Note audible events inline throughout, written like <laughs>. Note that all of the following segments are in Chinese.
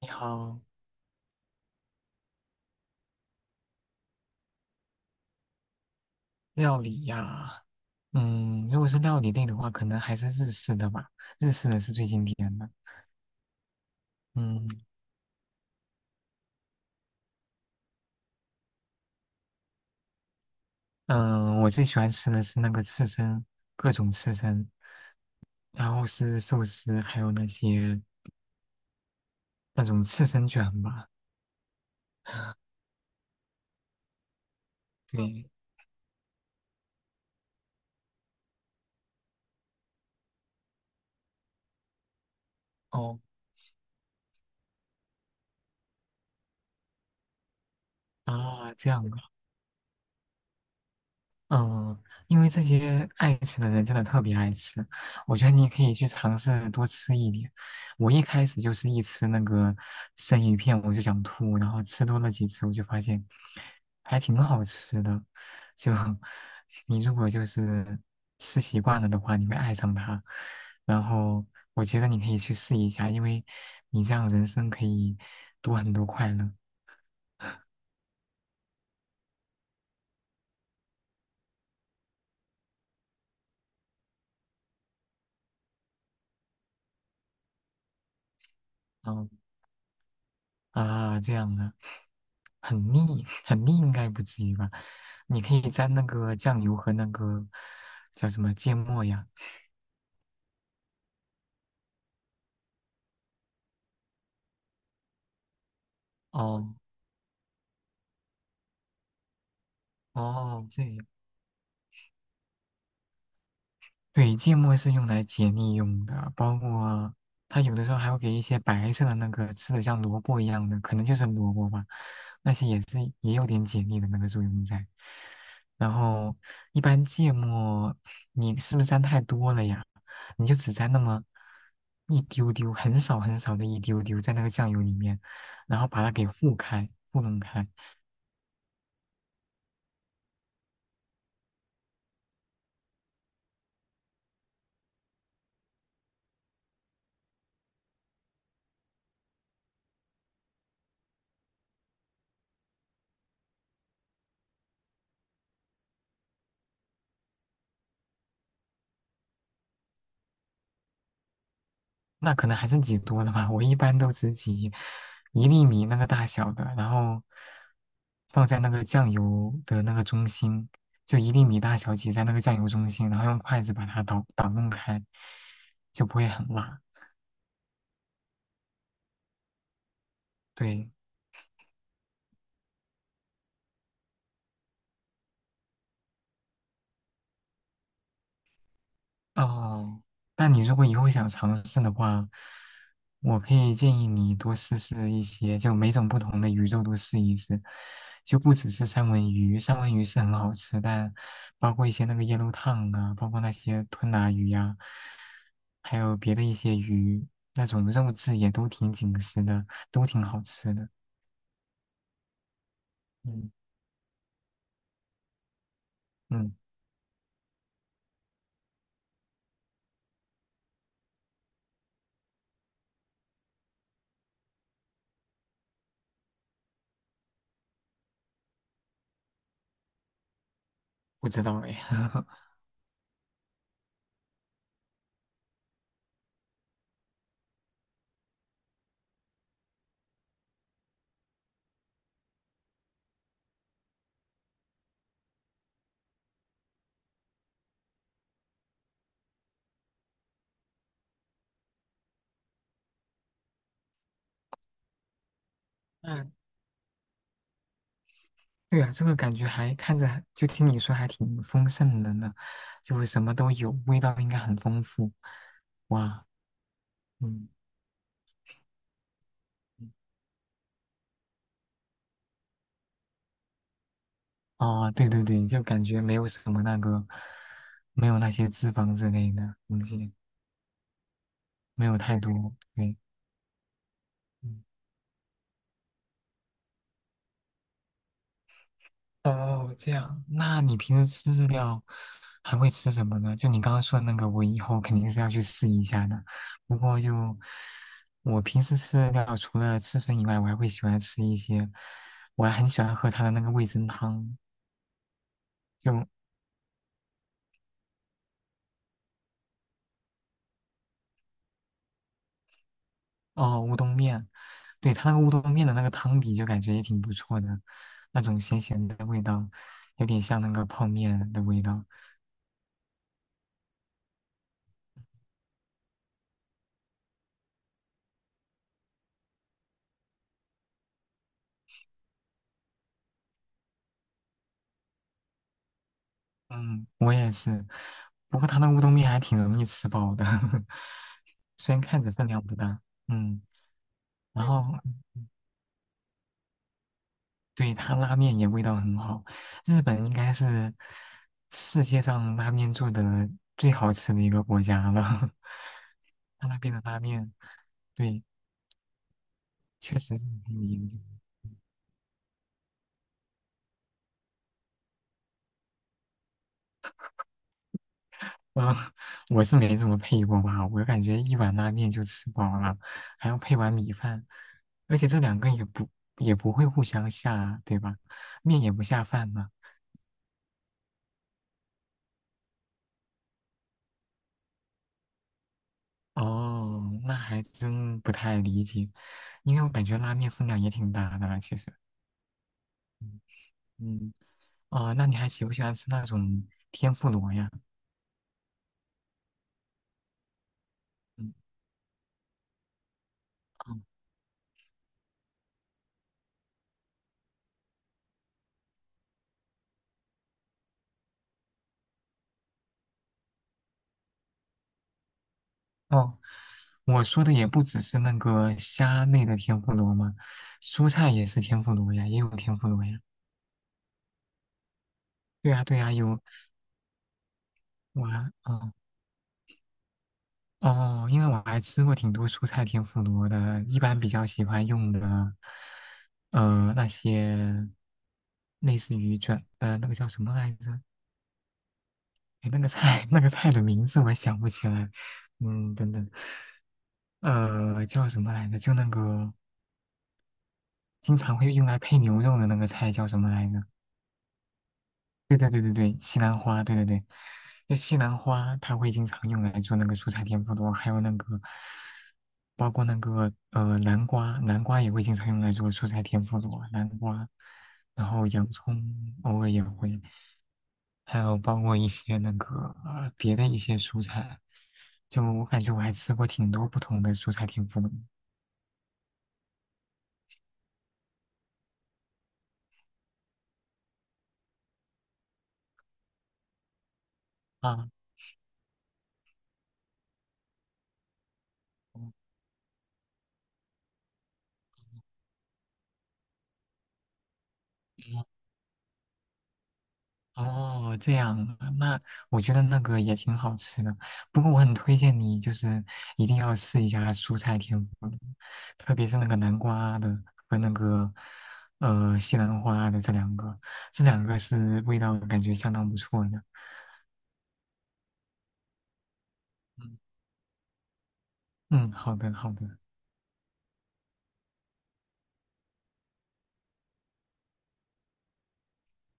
你好，料理呀，嗯，如果是料理类的话，可能还是日式的吧，日式的是最经典的。嗯嗯，我最喜欢吃的是那个刺身，各种刺身，然后是寿司，还有那些那种刺身卷吧。<laughs> 对，哦啊，这样啊。嗯，因为这些爱吃的人真的特别爱吃，我觉得你可以去尝试多吃一点。我一开始就是一吃那个生鱼片我就想吐，然后吃多了几次我就发现还挺好吃的。就 <laughs> 你如果就是吃习惯了的话，你会爱上它。然后我觉得你可以去试一下，因为你这样人生可以多很多快乐。嗯啊，这样的。很腻，<laughs> 很腻应该不至于吧？你可以蘸那个酱油和那个叫什么芥末呀？哦哦，这样。对，芥末是用来解腻用的，包括它有的时候还会给一些白色的那个吃的像萝卜一样的，可能就是萝卜吧，那些也是也有点解腻的那个作用在。然后一般芥末你是不是沾太多了呀？你就只沾那么一丢丢，很少很少的一丢丢在那个酱油里面，然后把它给糊开、糊弄开，那可能还是挤多了吧。我一般都只挤一粒米那个大小的，然后放在那个酱油的那个中心，就一粒米大小挤在那个酱油中心，然后用筷子把它捣捣弄开，就不会很辣。对。哦，那你如果以后想尝试的话，我可以建议你多试试一些，就每种不同的鱼肉都试一试，就不只是三文鱼，三文鱼是很好吃，但包括一些那个椰肉烫啊，包括那些吞拿鱼呀、还有别的一些鱼，那种肉质也都挺紧实的，都挺好吃的。嗯嗯，不知道哎。<laughs> 那对啊，这个感觉还看着，就听你说还挺丰盛的呢，就什么都有，味道应该很丰富。哇，嗯，哦，对对对，就感觉没有什么那个，没有那些脂肪之类的东西，没有太多。对，嗯，哦，这样，那你平时吃日料还会吃什么呢？就你刚刚说的那个，我以后肯定是要去试一下的。不过就我平时吃日料，除了刺身以外，我还会喜欢吃一些，我还很喜欢喝它的那个味增汤，就，哦乌冬面，对，它那个乌冬面的那个汤底就感觉也挺不错的，那种咸咸的味道，有点像那个泡面的味道。嗯，我也是。不过他那乌冬面还挺容易吃饱的，<laughs> 虽然看着分量不大，嗯，然后对他拉面也味道很好，日本应该是世界上拉面做的最好吃的一个国家了，<laughs> 他那边的拉面，对，确实是很有研究。嗯，我是没怎么配过吧，我感觉一碗拉面就吃饱了，还要配碗米饭，而且这两个也不也不会互相下，对吧？面也不下饭呢。哦，那还真不太理解，因为我感觉拉面分量也挺大的啦其实。嗯嗯，哦，那你还喜不喜欢吃那种天妇罗呀？嗯哦，哦，我说的也不只是那个虾类的天妇罗嘛，蔬菜也是天妇罗呀，也有天妇罗呀。对呀对呀，有，我还嗯。哦哦，因为我还吃过挺多蔬菜天妇罗的，一般比较喜欢用的，那些类似于转，那个叫什么来着？哎，那个菜，<laughs> 那个菜的名字我想不起来。嗯，等等，叫什么来着？就那个经常会用来配牛肉的那个菜叫什么来着？对对对对对，西兰花，对对对，就西兰花，它会经常用来做那个蔬菜天妇罗，还有那个，包括那个南瓜，南瓜也会经常用来做蔬菜天妇罗，南瓜，然后洋葱偶尔也会，还有包括一些那个别的一些蔬菜，就我感觉我还吃过挺多不同的蔬菜天妇罗啊，嗯哦，这样啊，那我觉得那个也挺好吃的。不过我很推荐你，就是一定要试一下蔬菜天妇罗，特别是那个南瓜的和那个西兰花的这两个，这两个是味道感觉相当不错的。嗯嗯，好的好的。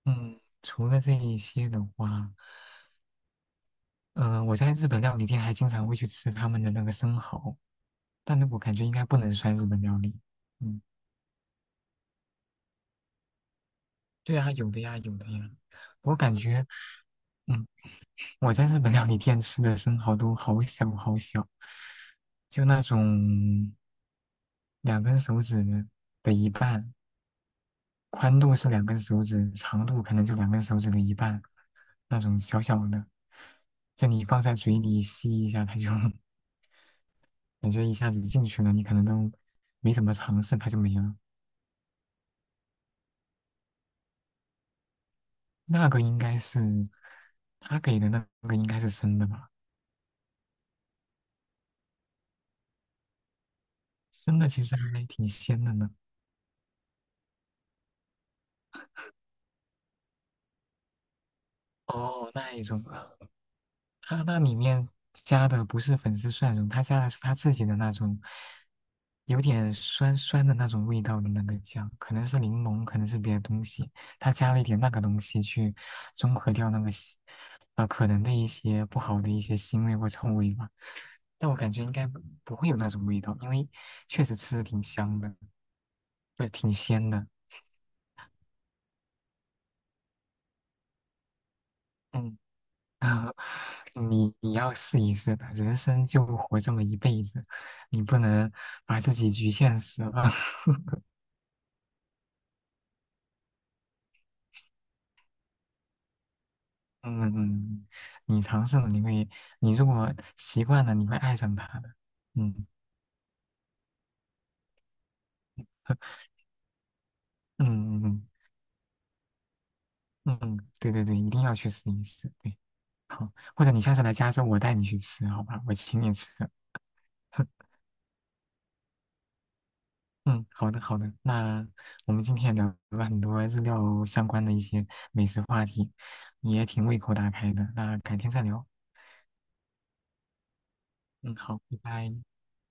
嗯，除了这一些的话，嗯，我在日本料理店还经常会去吃他们的那个生蚝，但那我感觉应该不能算日本料理。嗯。对啊，有的呀，有的呀。我感觉，嗯，我在日本料理店吃的生蚝都好小好小，就那种两根手指的一半，宽度是两根手指，长度可能就两根手指的一半，那种小小的，就你放在嘴里吸一下，它就 <laughs> 感觉一下子进去了，你可能都没怎么尝试，它就没了。那个应该是他给的那个应该是生的吧。生的其实还挺鲜的呢。哦，那一种啊，它那里面加的不是粉丝蒜蓉，它加的是它自己的那种有点酸酸的那种味道的那个酱，可能是柠檬，可能是别的东西，它加了一点那个东西去中和掉那个腥可能的一些不好的一些腥味或臭味吧。但我感觉应该不会有那种味道，因为确实吃的挺香的，对，挺鲜的。嗯。<laughs> 啊，你要试一试吧，人生就活这么一辈子，你不能把自己局限死了。<laughs> 嗯，嗯，你尝试了，你会，你如果习惯了，你会爱上它的。嗯 <laughs> 嗯嗯，嗯，对对对，一定要去试一试。对，好，或者你下次来加州，我带你去吃，好吧？我请你吃。嗯，好的好的，那我们今天也聊了很多日料相关的一些美食话题，也挺胃口大开的。那改天再聊。嗯，好，拜拜。